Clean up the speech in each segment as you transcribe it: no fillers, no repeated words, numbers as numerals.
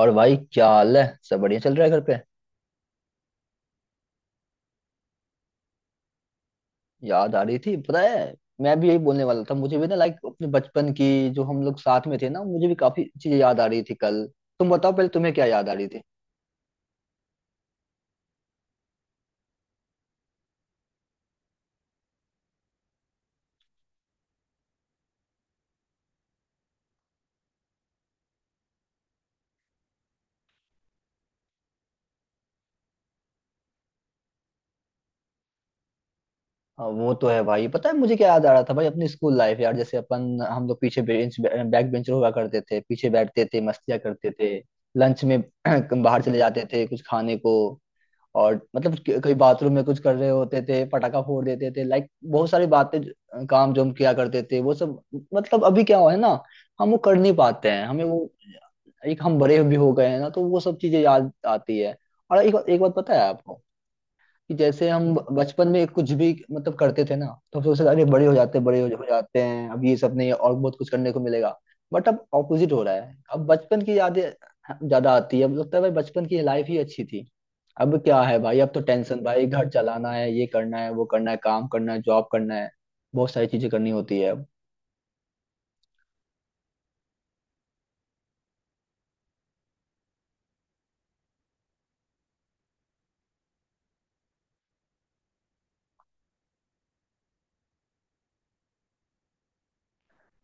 और भाई, क्या हाल है। सब बढ़िया चल रहा है घर पे। याद आ रही थी, पता है। मैं भी यही बोलने वाला था, मुझे भी ना, लाइक, अपने बचपन की जो हम लोग साथ में थे ना, मुझे भी काफी चीजें याद आ रही थी कल। तुम बताओ पहले, तुम्हें क्या याद आ रही थी। हाँ, वो तो है भाई। पता है मुझे क्या याद आ रहा था भाई, अपनी स्कूल लाइफ यार, जैसे अपन, हम लोग पीछे बेंच, बैक बेंचर हुआ करते थे, पीछे बैठते थे, मस्तियाँ करते थे। लंच में बाहर चले जाते थे कुछ खाने को। और मतलब कहीं बाथरूम में कुछ कर रहे होते थे, पटाखा फोड़ देते थे, लाइक बहुत सारी बातें, काम जो हम किया करते थे वो सब। मतलब अभी क्या हुआ है ना, हम वो कर नहीं पाते हैं, हमें वो, एक हम बड़े भी हो गए हैं ना, तो वो सब चीजें याद आती है। और एक एक बात पता है आपको, कि जैसे हम बचपन में कुछ भी मतलब करते थे ना, तो हम सोचते थे, अरे बड़े हो जाते हैं, बड़े हो जाते हैं, अब ये सब नहीं, और बहुत कुछ करने को मिलेगा। बट अब ऑपोजिट हो रहा है, अब बचपन की यादें हाँ, ज्यादा आती है। अब लगता है भाई, बचपन की लाइफ ही अच्छी थी। अब क्या है भाई, अब तो टेंशन भाई। घर चलाना है, ये करना है, वो करना है, काम करना है, जॉब करना है। बहुत सारी चीजें करनी होती है अब।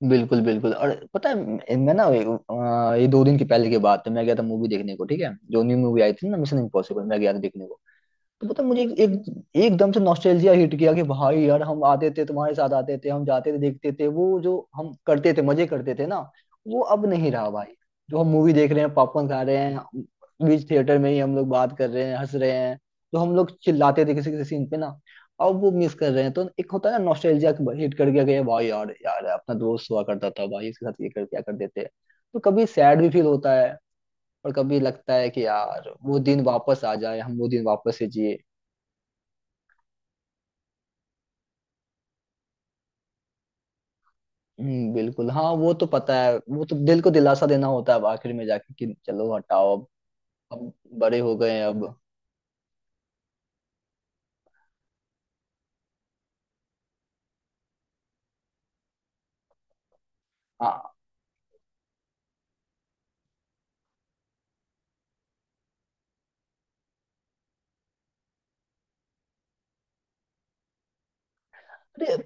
बिल्कुल बिल्कुल। और पता है मैं ना, ये दो दिन के पहले की बात है, मैं गया था मूवी देखने को, ठीक है, जो न्यू मूवी आई थी ना, मिशन इम्पॉसिबल, मैं गया था देखने को। तो पता है मुझे एक एकदम से नॉस्टैल्जिया हिट किया कि भाई यार, हम आते थे तुम्हारे साथ, आते थे हम, जाते थे देखते थे, वो जो हम करते थे, मजे करते थे ना। वो अब नहीं रहा भाई। जो हम मूवी देख रहे हैं, पॉपकॉर्न खा रहे हैं, बीच थिएटर में ही हम लोग बात कर रहे हैं, हंस रहे हैं। तो हम लोग चिल्लाते थे किसी किसी सीन पे ना, अब वो मिस कर रहे हैं, तो एक होता है ना नॉस्टैल्जिया। हिट कर गया कि यार भाई, यार यार, अपना दोस्त हुआ करता था भाई, इसके साथ ये कर, क्या कर देते हैं। तो कभी सैड भी फील होता है, और कभी लगता है कि यार वो दिन वापस आ जाए, हम वो दिन वापस से जिए। बिल्कुल, हाँ। वो तो पता है, वो तो दिल को दिलासा देना होता है अब, आखिर में जाके, कि चलो हटाओ अब बड़े हो गए हैं अब। हाँ, अरे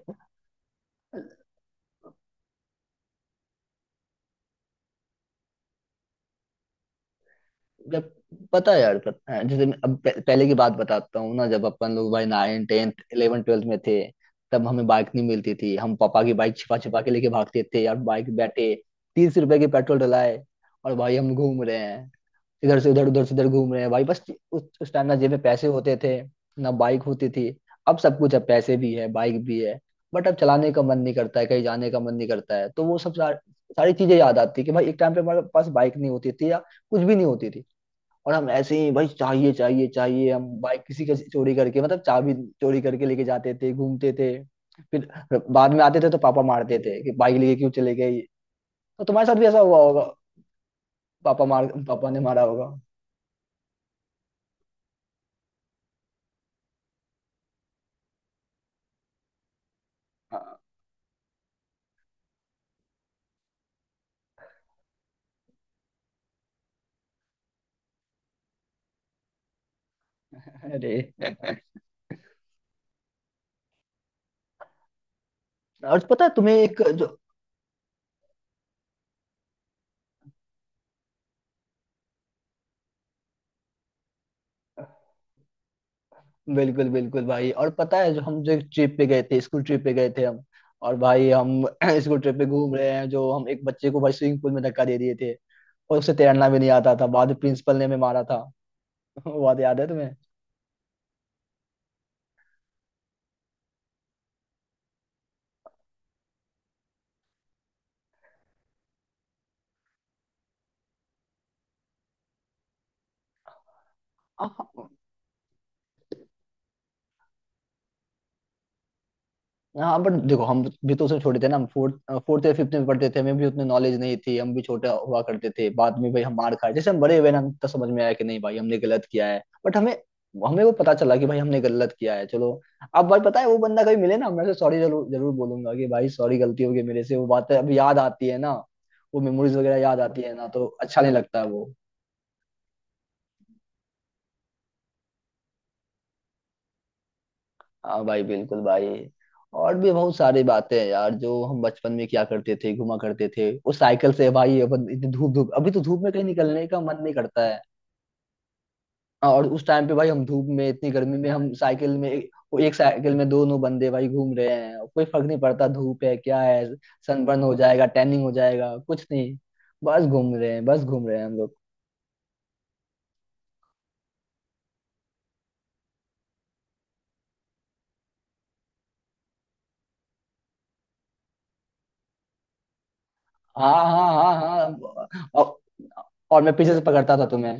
जब, पता है यार, पता है, जैसे मैं अब पहले की बात बताता हूँ ना, जब अपन लोग भाई 9th, 10th, 11th, 12th में थे, तब हमें बाइक नहीं मिलती थी। हम पापा की बाइक छिपा छिपा के लेके भागते थे यार, बाइक बैठे 30 रुपए के पेट्रोल डलाए, और भाई हम घूम रहे हैं, इधर से उधर, उधर से उधर घूम रहे हैं भाई बस। उस टाइम ना, जेब में पैसे होते थे, ना बाइक होती थी। अब सब कुछ है, पैसे भी है, बाइक भी है, बट अब चलाने का मन नहीं करता है, कहीं जाने का मन नहीं करता है, तो वो सब सारी चीजें याद आती है कि भाई एक टाइम पे हमारे पास बाइक नहीं होती थी, या कुछ भी नहीं होती थी। और हम ऐसे ही भाई, चाहिए चाहिए चाहिए, हम बाइक किसी का चोरी करके, मतलब चाबी चोरी करके लेके जाते थे, घूमते थे। फिर बाद में आते थे तो पापा मारते थे कि बाइक लेके क्यों चले गए। तो तुम्हारे साथ भी ऐसा हुआ होगा। पापा ने मारा होगा। हाँ। अरे, और पता है तुम्हें, एक जो, बिल्कुल बिल्कुल भाई। और पता है जो हम, जो ट्रिप पे गए थे, स्कूल ट्रिप पे गए थे हम, और भाई हम स्कूल ट्रिप पे घूम रहे हैं, जो हम एक बच्चे को भाई स्विमिंग पूल में धक्का दे दिए थे, और उसे तैरना भी नहीं आता था, बाद में प्रिंसिपल ने हमें मारा था। वो बात याद है तुम्हें। हाँ बट देखो, हम भी तो उसमें छोटे थे ना, हम फोर्थ फोर्थ या 5th में पढ़ते थे, हमें भी उतनी नॉलेज नहीं थी, हम भी छोटे हुआ करते थे। बाद में भाई हम मार खाए, जैसे हम बड़े हुए ना, हम तो समझ में आया कि नहीं भाई, हमने गलत किया है, बट हमें, हमें वो पता चला कि भाई हमने गलत किया है, चलो। अब भाई पता है, वो बंदा कभी मिले ना, मैं उसे सॉरी जरूर जरूर बोलूंगा कि भाई सॉरी, गलती हो गई मेरे से। वो बातें अब याद आती है ना, वो मेमोरीज वगैरह याद आती है ना, तो अच्छा नहीं लगता है वो। हाँ भाई बिल्कुल भाई। और भी बहुत सारी बातें हैं यार, जो हम बचपन में क्या करते थे, घुमा करते थे उस साइकिल से भाई, अपन इतनी धूप, धूप अभी तो धूप में कहीं निकलने का मन नहीं करता है। हाँ, और उस टाइम पे भाई हम धूप में इतनी गर्मी में, हम साइकिल में, वो एक साइकिल में दोनों बंदे भाई घूम रहे हैं, और कोई फर्क नहीं पड़ता, धूप है क्या है, सनबर्न हो जाएगा, टैनिंग हो जाएगा, कुछ नहीं, बस घूम रहे हैं, बस घूम रहे हैं हम लोग। हाँ, हाँ, हाँ, हाँ। और और मैं पीछे से पकड़ता था तुम्हें।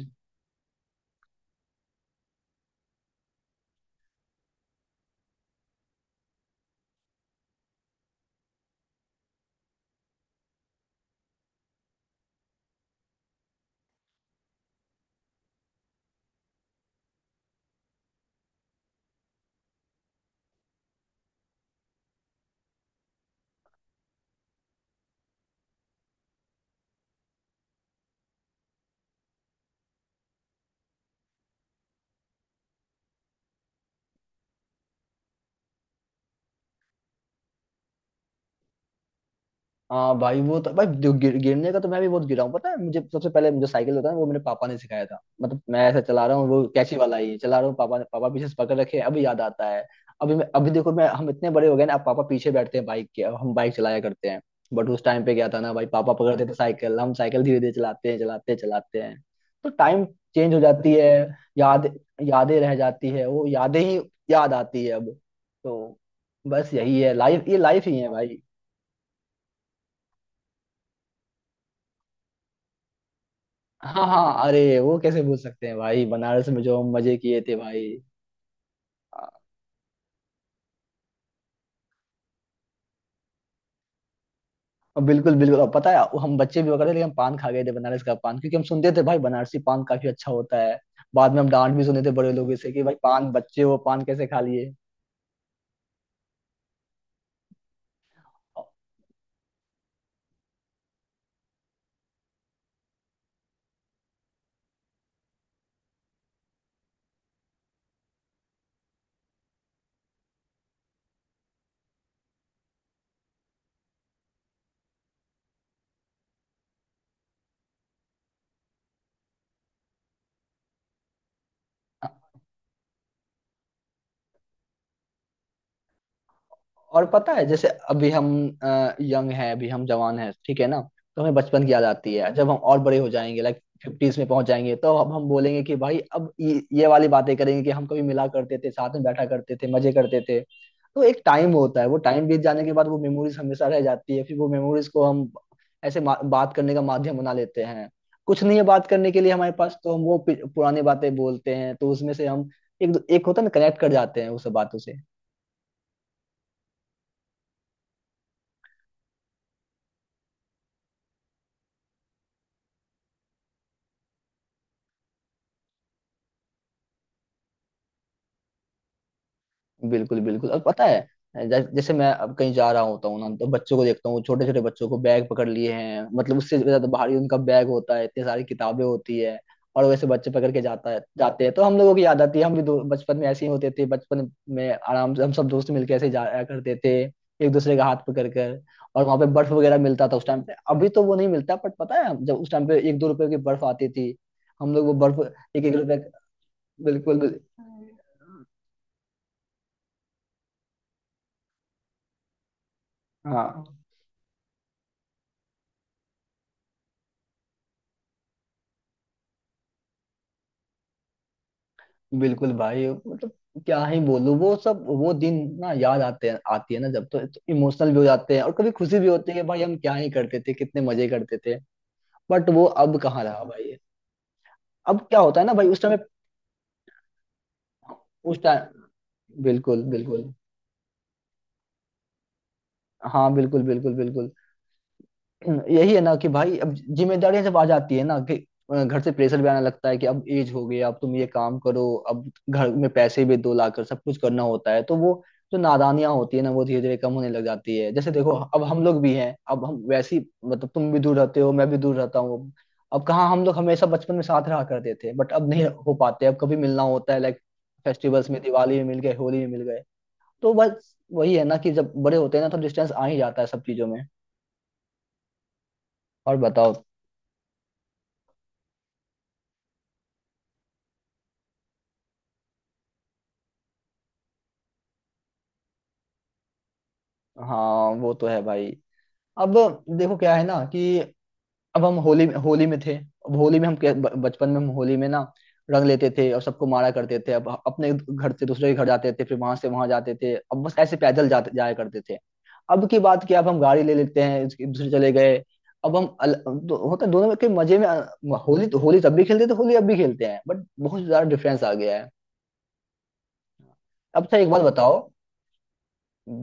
हाँ भाई, वो तो भाई गिरने का तो मैं भी बहुत गिरा हूँ। पता है मुझे, सबसे पहले जो साइकिल होता है वो मेरे पापा ने सिखाया था, मतलब मैं ऐसा चला रहा हूँ, वो कैची वाला ही चला रहा हूँ, पापा पीछे से पकड़ रखे हैं, अभी याद आता है। अभी देखो, मैं हम इतने बड़े हो गए ना, अब पापा पीछे बैठते हैं बाइक के, अब हम बाइक चलाया करते हैं। बट उस टाइम पे क्या था ना भाई, पापा पकड़ते थे साइकिल, हम साइकिल धीरे धीरे चलाते हैं, चलाते हैं, चलाते हैं। तो टाइम चेंज हो जाती है, याद यादें रह जाती है, वो यादें ही याद आती है अब। तो बस यही है लाइफ, ये लाइफ ही है भाई। हाँ, हाँ अरे, वो कैसे भूल सकते हैं भाई, बनारस में जो हम मजे किए थे भाई। बिल्कुल बिल्कुल। और पता है, वो हम बच्चे भी होकर थे, लेकिन हम पान खा गए थे बनारस का पान, क्योंकि हम सुनते थे भाई बनारसी पान काफी अच्छा होता है। बाद में हम डांट भी सुने थे बड़े लोगों से कि भाई पान, बच्चे हो, पान कैसे खा लिए। और पता है, जैसे अभी हम यंग हैं, अभी हम जवान हैं, ठीक है ना, तो हमें बचपन की याद आती है। जब हम और बड़े हो जाएंगे लाइक 50s में पहुंच जाएंगे, तो अब हम बोलेंगे कि भाई, अब ये वाली बातें करेंगे कि हम कभी मिला करते थे, साथ में बैठा करते थे, मजे करते थे। तो एक टाइम होता है, वो टाइम बीत जाने के बाद वो मेमोरीज हमेशा रह जाती है। फिर वो मेमोरीज को हम ऐसे बात करने का माध्यम बना लेते हैं। कुछ नहीं है बात करने के लिए हमारे पास, तो हम वो पुरानी बातें बोलते हैं, तो उसमें से हम एक एक होता है ना, कनेक्ट कर जाते हैं उस बातों से। बिल्कुल बिल्कुल। और पता है जैसे मैं अब कहीं जा रहा होता हूँ ना, तो बच्चों को देखता हूँ, छोटे छोटे बच्चों को, बैग पकड़ लिए हैं, मतलब उससे ज्यादा भारी उनका बैग होता है, इतनी सारी किताबें होती है। और वैसे बच्चे पकड़ के जाता है जाते हैं, तो हम लोगों की याद आती है, हम भी बचपन में ऐसे ही होते थे, बचपन में आराम से हम सब दोस्त मिलकर ऐसे जाया करते थे, एक दूसरे का हाथ पकड़ कर। और वहां पे बर्फ वगैरह मिलता था उस टाइम पे, अभी तो वो नहीं मिलता, बट पता है जब उस टाइम पे एक दो रुपए की बर्फ आती थी, हम लोग वो बर्फ, एक एक रुपए, बिल्कुल बिल्कुल। हाँ बिल्कुल भाई, मतलब, क्या ही बोलूं, वो सब वो दिन ना याद आते हैं, आती है ना जब, तो इमोशनल भी हो जाते हैं, और कभी खुशी भी होती है कि भाई हम क्या ही करते थे, कितने मजे करते थे, बट वो अब कहाँ रहा भाई। अब क्या होता है ना भाई, उस समय, उस टाइम, बिल्कुल बिल्कुल। हाँ बिल्कुल बिल्कुल बिल्कुल। यही है ना कि भाई अब जिम्मेदारियां जब आ जाती है ना, कि घर से प्रेशर भी आने लगता है कि अब एज हो गई, अब तुम ये काम करो, अब घर में पैसे भी दो लाकर, सब कुछ करना होता है, तो वो जो नादानियां होती है ना, वो धीरे धीरे कम होने लग जाती है। जैसे देखो, अब हम लोग भी हैं, अब हम वैसी, मतलब तुम भी दूर रहते हो, मैं भी दूर रहता हूँ अब कहाँ हम लोग हमेशा बचपन में साथ रहा करते थे, बट अब नहीं हो पाते, अब कभी मिलना होता है लाइक फेस्टिवल्स में, दिवाली में मिल गए, होली में मिल गए। तो बस वही है ना, कि जब बड़े होते हैं ना, तो डिस्टेंस आ ही जाता है सब चीजों में। और बताओ। हाँ वो तो है भाई। अब देखो क्या है ना कि, अब हम होली होली में थे, अब होली में हम बचपन में हम होली में ना, रंग लेते थे और सबको मारा करते थे, अब अपने घर से दूसरे के घर जाते थे, फिर वहां से वहां जाते थे, अब बस ऐसे पैदल जाते जाया करते थे। अब की बात क्या, अब हम गाड़ी ले लेते हैं, दूसरे चले गए। अब हम होता है दोनों के मजे में, होली तो होली, तब भी खेलते थे, होली अब भी खेलते हैं, बट बहुत ज्यादा डिफरेंस आ गया है। अब अच्छा, एक बात बताओ।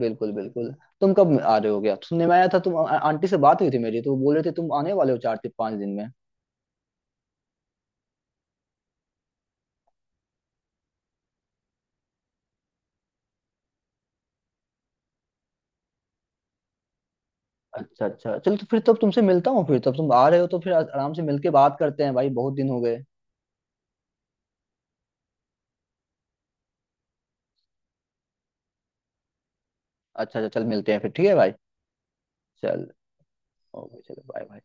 बिल्कुल बिल्कुल। तुम कब आ रहे हो, क्या सुनने में आया था, आंटी से बात हुई थी मेरी, तो वो बोल रहे थे तुम आने वाले हो 4 से 5 दिन में। अच्छा अच्छा, चलो तो फिर तब तुमसे मिलता हूँ, फिर तब तुम आ रहे हो तो फिर आराम से मिलके बात करते हैं भाई, बहुत दिन हो गए। अच्छा अच्छा, चल मिलते हैं फिर, ठीक है भाई। चल। ओके, चलो, बाय बाय।